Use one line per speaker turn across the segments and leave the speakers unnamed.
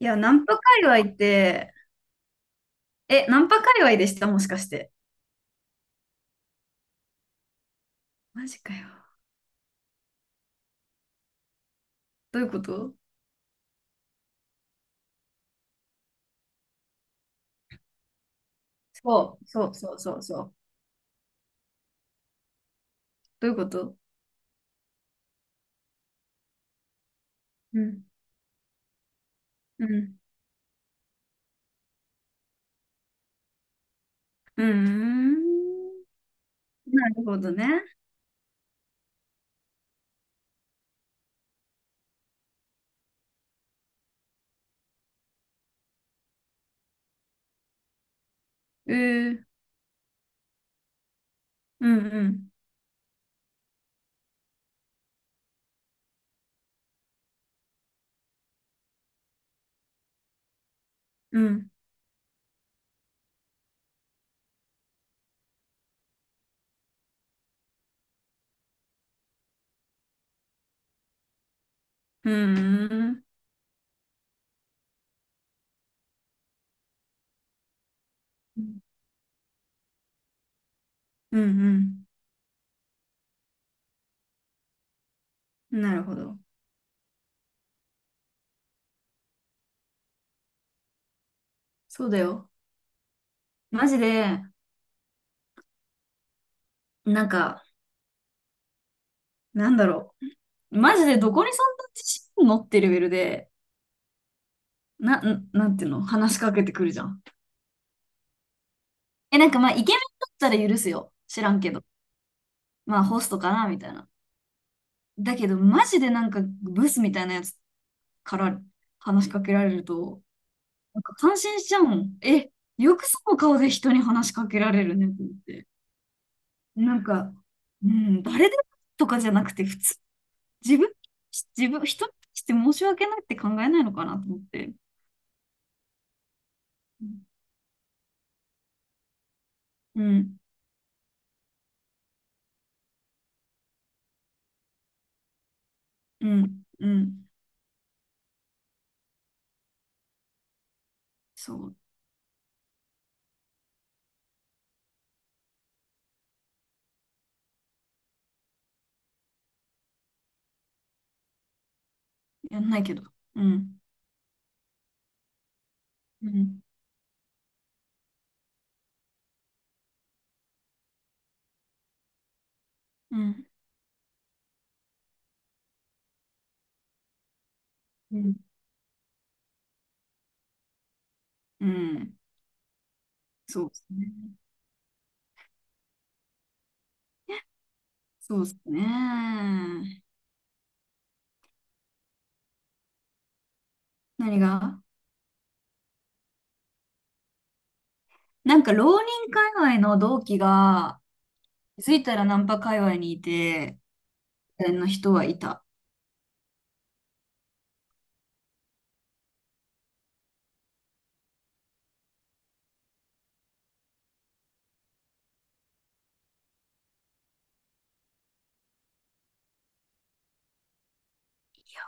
いや、ナンパ界隈って、え、ナンパ界隈でしたもしかして。マジかよ。どういうこと？そう、そう、そうそう、そう。どういうこと？うん、うん。うーん。なるほどね。うー、うん、うん、うん、うーん、うん、うん。なるほど。そうだよ。マジで、なんか、なんだろう。マジでどこにそんな自信持ってレベルで、なんていうの話しかけてくるじゃん。え、なんかまあ、イケメンだったら許すよ。知らんけど。まあホストかなみたいな。だけど、マジでなんかブスみたいなやつから話しかけられると、なんか感心しちゃうもん。え、よくその顔で人に話しかけられるねって思って。なんか、うん、誰でもとかじゃなくて、普通、自分、自分、人に対して申し訳ないって考えないのかなと思って。うん、うん、うん、そう、やんないけど。うん、うん、うん、うん、うん、そうですね。そうですね。何が？なんか浪人界隈の同期が、気づいたらナンパ界隈にいて、みたいな人はいた。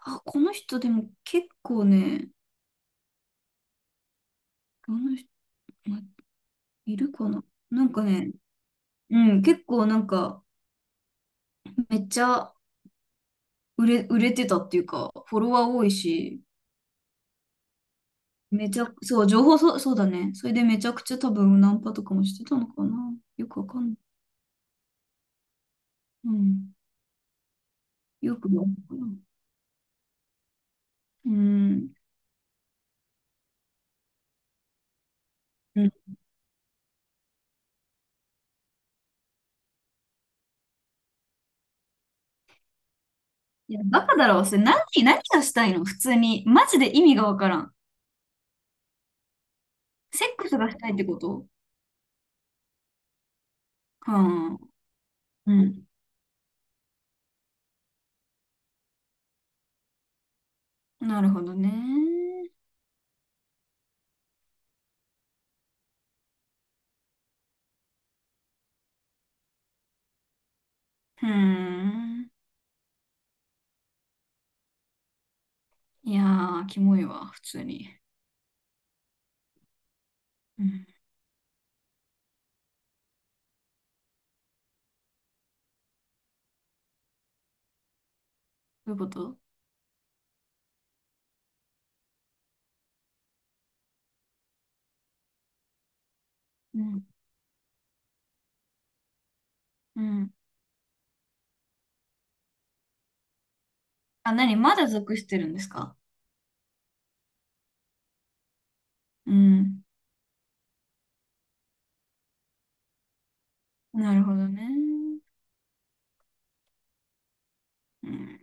あ、この人でも結構ね、この人、まいるかな。なんかね、うん、結構なんか、めっちゃ売れてたっていうか、フォロワー多いし、めちゃ、そう、情報、そう、そうだね。それでめちゃくちゃ多分ナンパとかもしてたのかなよくわかんない。うん。よくわかんない。うん。いや、バカだろ。それ何、何がしたいの普通に。マジで意味がわからん。セックスがしたいってこと？はあ、うん。なるほどね。うーん。いやー、キモいわ、普通に。うん。どういうこと？うん。うん。あ、何まだ属してるんですか？うん。なるほどね。うん。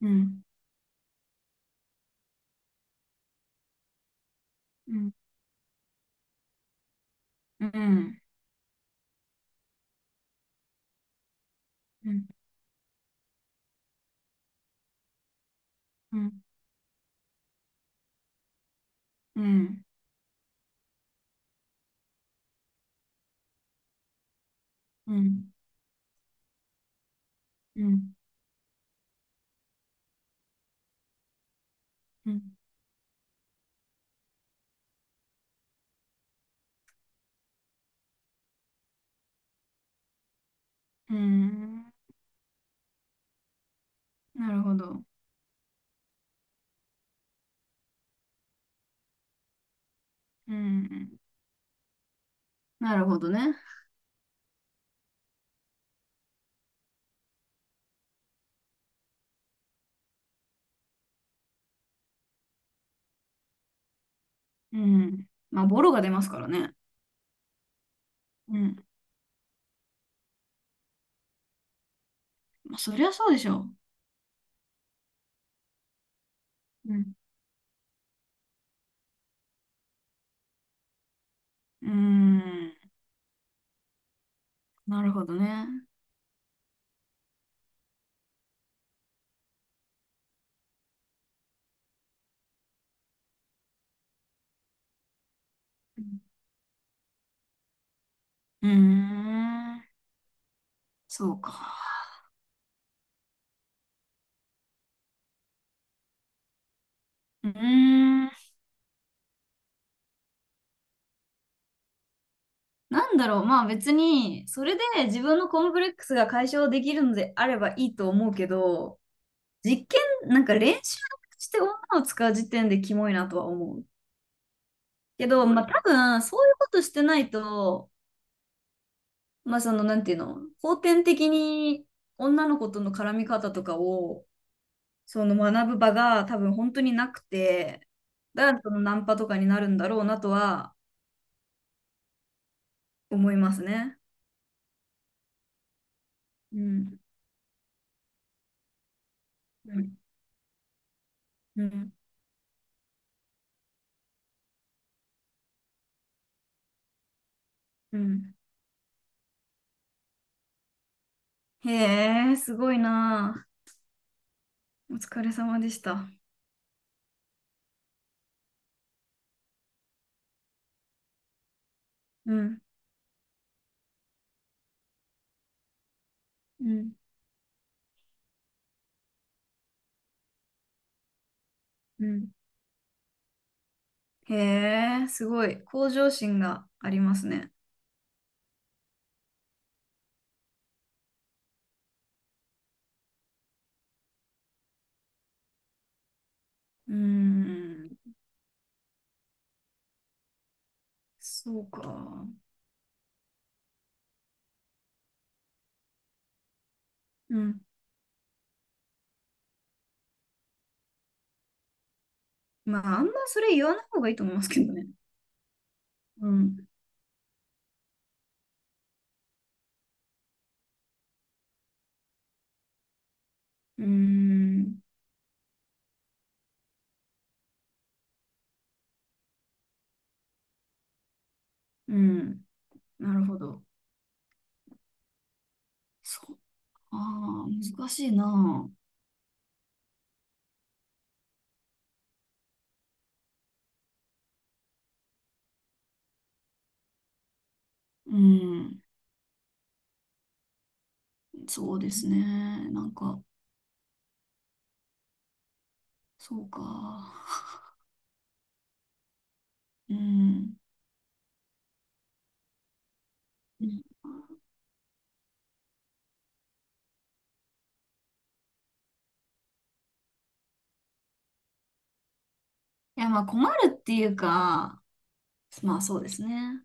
うん。うん。うん。うん。うん。うん。うん。うん。うん。うん。なるほど。うん。なるほどね。うん。まあ、ボロが出ますからね。うん。まあ、そりゃそうでしょう。うん。うーん。なるほどね。うん。うーん。そうか。うーん。なんだろう。まあ別に、それで自分のコンプレックスが解消できるのであればいいと思うけど、実験、なんか練習して女を使う時点でキモいなとは思う。けど、まあ多分、そういうことしてないと、まあその、なんていうの、後天的に女の子との絡み方とかを、その学ぶ場が多分本当になくて、だからそのナンパとかになるんだろうなとは思いますね。うん。うん。うん。うん。へえ、すごいなあ。お疲れ様でした。うん。うん。うん。へえ、すごい。向上心がありますね。うん。そうか。うん。まあ、あんまそれ言わない方がいいと思いますけどね。うん。うん。うん。なるほど。そう。ああ、難しいな。うん、そうですね。なんか、そうか。うん。いや、まあ困るっていうか、まあそうですね。